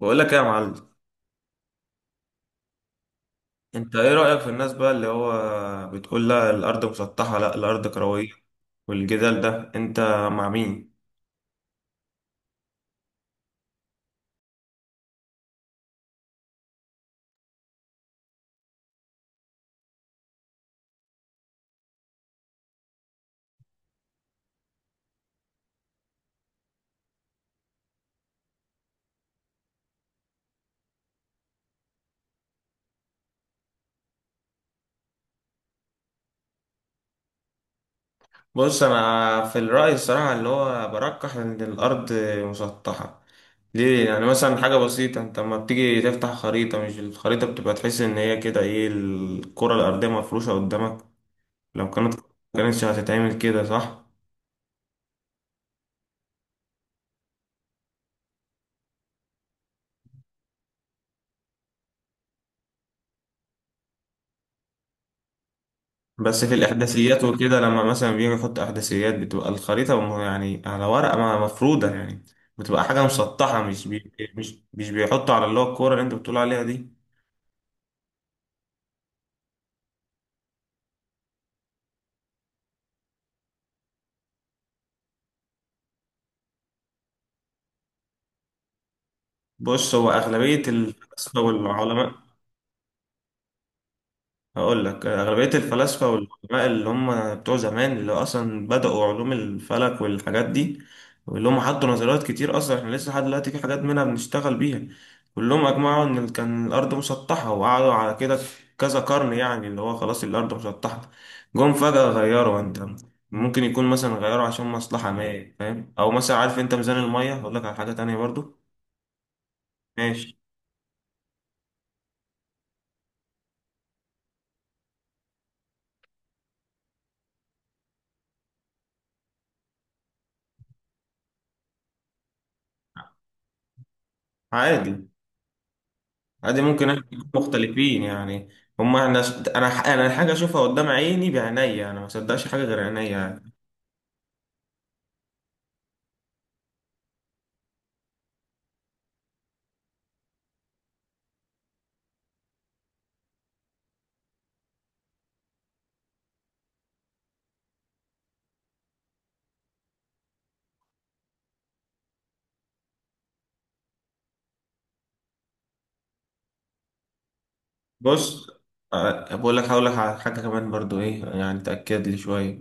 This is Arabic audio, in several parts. بقول لك ايه يا معلم؟ انت ايه رأيك في الناس بقى اللي هو بتقول لا الارض مسطحة لا الارض كروية، والجدال ده انت مع مين؟ بص، انا في الرأي الصراحة اللي هو برجح ان الارض مسطحة. ليه؟ يعني مثلا حاجة بسيطة، انت لما بتيجي تفتح خريطة، مش الخريطة بتبقى تحس ان هي كده ايه، الكرة الارضية مفروشة قدامك؟ لو كانت كانتش هتتعمل كده، صح؟ بس في الإحداثيات وكده، لما مثلا بيجي يحط إحداثيات بتبقى الخريطة يعني على ورقة مفرودة يعني، بتبقى حاجة مسطحة مش بيحطوا على اللي هو الكورة اللي أنت بتقول عليها دي. بص، هو أغلبية الفلاسفة والعلماء، هقول لك أغلبية الفلاسفة والعلماء اللي هم بتوع زمان، اللي أصلا بدأوا علوم الفلك والحاجات دي، واللي هم حطوا نظريات كتير أصلا إحنا لسه لحد دلوقتي في حاجات منها بنشتغل بيها، كلهم أجمعوا إن كان الأرض مسطحة، وقعدوا على كده كذا قرن، يعني اللي هو خلاص الأرض مسطحة. جم فجأة غيروا. أنت ممكن يكون مثلا غيروا عشان مصلحة ما فاهم، أو مثلا عارف أنت ميزان المية؟ هقول لك على حاجة تانية برضو. ماشي، عادي. عادي، ممكن احنا نكون مختلفين يعني. هما احنا، انا انا الحاجه اشوفها قدام عيني بعينيا، انا ما صدقش حاجه غير عينيا يعني. بص، آه، بقول لك، هقول لك على حاجه كمان برضو ايه يعني تاكد لي شويه.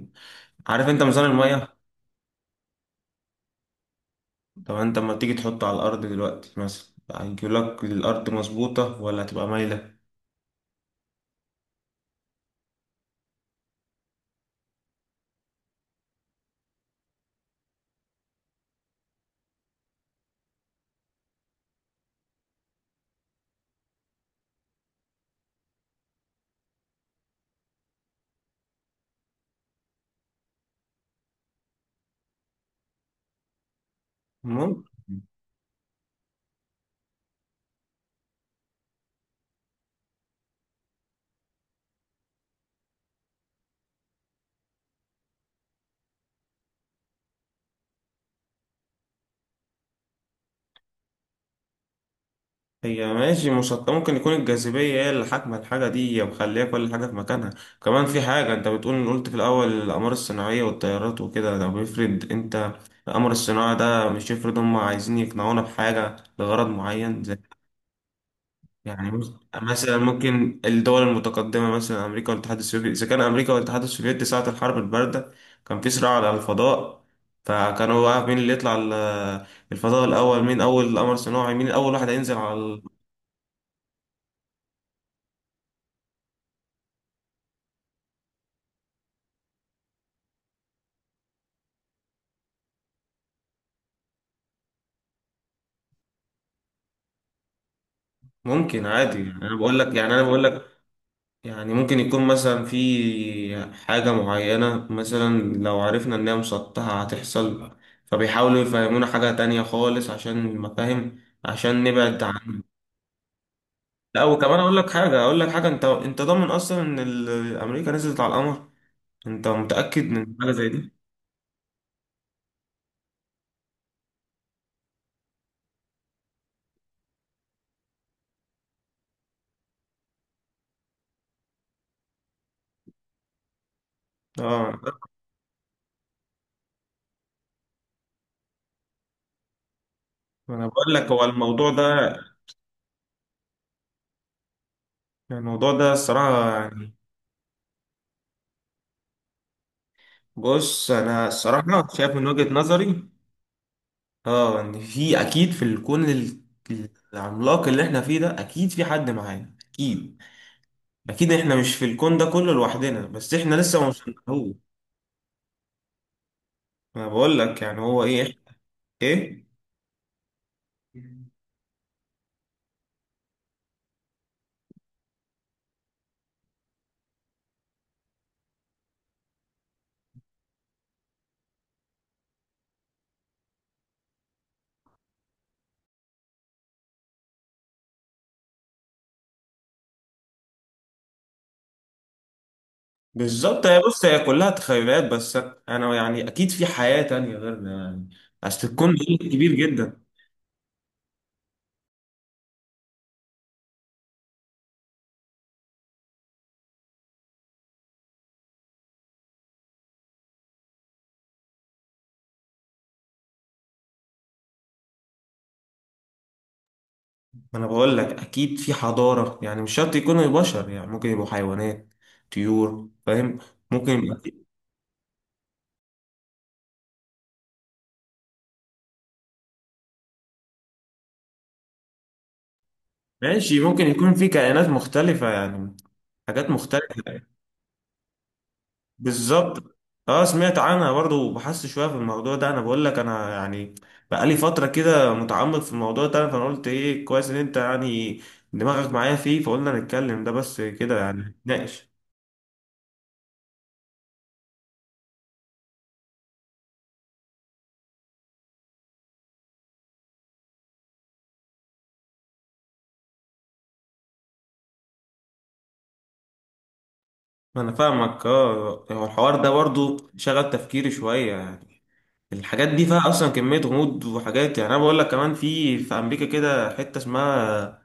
عارف انت ميزان الميه؟ طب انت لما تيجي تحطه على الارض دلوقتي مثلا، هيجي لك الارض مظبوطه ولا هتبقى مايله؟ المهم، هي ماشي مسطحة، ممكن يكون الجاذبية هي اللي حاكمة الحاجة دي، هي مخلية كل حاجة في مكانها. كمان في حاجة، انت بتقول قلت في الأول الأقمار الصناعية والطيارات وكده، طب افرض انت القمر الصناعي ده، مش افرض هم عايزين يقنعونا بحاجة لغرض معين، زي يعني مثلا ممكن الدول المتقدمة، مثلا أمريكا والاتحاد السوفيتي، إذا كان أمريكا والاتحاد السوفيتي ساعة الحرب الباردة كان في صراع على الفضاء، فكانوا بقى مين اللي يطلع الفضاء الأول، مين أول قمر صناعي، مين أول واحد هينزل على. ممكن، عادي يعني، انا بقول لك يعني ممكن يكون مثلا في حاجة معينة، مثلا لو عرفنا ان هي مسطحة هتحصل، فبيحاولوا يفهمونا حاجة تانية خالص عشان مفاهيم، عشان نبعد عنها. لا، وكمان اقول لك حاجة انت ضامن اصلا ان امريكا نزلت على القمر؟ انت متأكد من حاجة زي دي؟ اه، انا بقول لك هو الموضوع ده، الموضوع ده الصراحة يعني. بص، انا الصراحة شايف من وجهة نظري، اه، ان في اكيد، في الكون العملاق اللي احنا فيه ده، اكيد في حد معانا، اكيد اكيد احنا مش في الكون ده كله لوحدنا، بس احنا لسه ما وصلناهوش. انا بقول لك يعني هو ايه. ايه؟ بالظبط. هي بص، هي كلها تخيلات بس. انا يعني اكيد في حياة تانية غيرنا يعني، اصل الكون ده كبير جدا. انا بقول لك اكيد في حضارة، يعني مش شرط يكونوا بشر، يعني ممكن يبقوا حيوانات، طيور، فاهم؟ ممكن. ماشي، ممكن يكون في كائنات مختلفة يعني، حاجات مختلفة. بالظبط. اه، سمعت عنها برضو، وبحثت شوية في الموضوع ده. انا بقول لك انا يعني بقالي فترة كده متعمق في الموضوع ده، فانا قلت ايه كويس ان انت يعني دماغك معايا فيه، فقلنا نتكلم ده بس كده يعني، نتناقش. انا فاهمك. اه، هو الحوار ده برضو شغل تفكيري شوية يعني، الحاجات دي فيها اصلا كمية غموض وحاجات. يعني انا بقول لك كمان، في امريكا كده حتة اسمها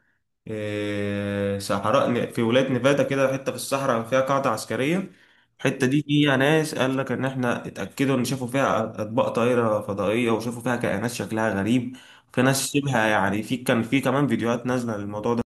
إيه، صحراء في ولاية نيفادا، كده حتة في الصحراء فيها قاعدة عسكرية، الحتة دي فيها ناس قال لك إن إحنا اتأكدوا إن شافوا فيها أطباق طائرة فضائية، وشافوا فيها كائنات شكلها غريب. في ناس شبه يعني، في كان في كمان فيديوهات نازلة للموضوع.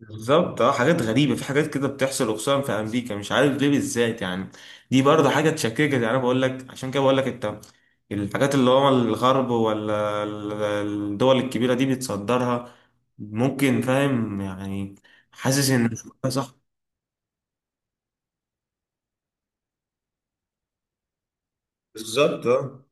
بالظبط، اه، حاجات غريبة، في حاجات كده بتحصل، وخصوصا في أمريكا، مش عارف ليه بالذات يعني. دي برضه حاجة تشككك يعني، أنا بقول لك عشان كده بقول لك أنت الحاجات اللي هو الغرب ولا الدول الكبيرة دي بتصدرها ممكن، فاهم يعني، حاسس إن مش كلها صح. بالظبط، اه.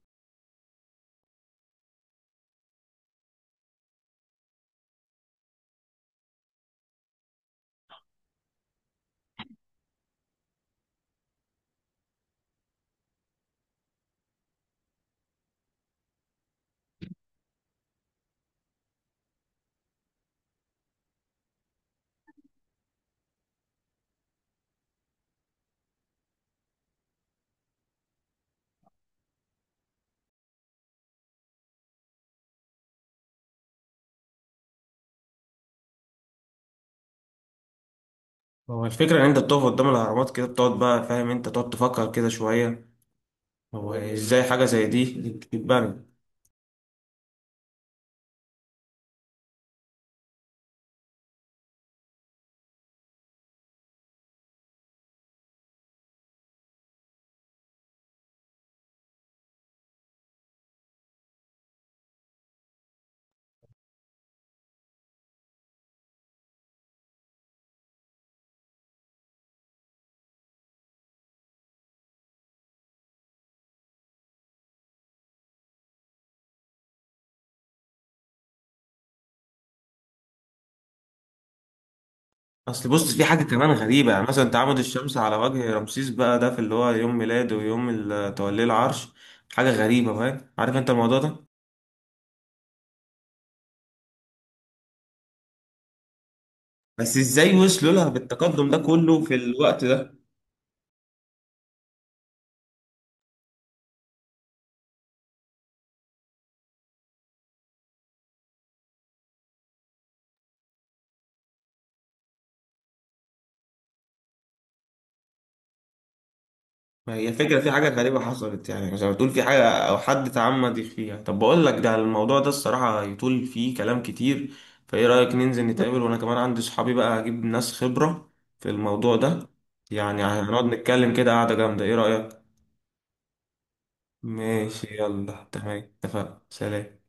هو الفكرة إن أنت بتقف قدام الأهرامات كده، بتقعد بقى فاهم، أنت تقعد تفكر كده شوية، هو إزاي حاجة زي دي تتبنى؟ اصل بص، في حاجه كمان غريبه، يعني مثلا تعامد الشمس على وجه رمسيس بقى، ده في اللي هو يوم ميلاده، ويوم آه، توليه العرش. حاجه غريبه، فاهم؟ عارف انت الموضوع ده؟ بس ازاي وصلوا لها بالتقدم ده كله في الوقت ده؟ ما هي الفكره، في حاجه غريبه حصلت يعني، زي ما تقول في حاجه او حد تعمد فيها. طب بقول لك، ده الموضوع ده الصراحه يطول فيه كلام كتير، فايه رايك ننزل نتقابل؟ وانا كمان عندي صحابي بقى هجيب ناس خبره في الموضوع ده، يعني هنقعد نتكلم كده قعده جامده، ايه رايك؟ ماشي، يلا، تمام، اتفقنا، سلام.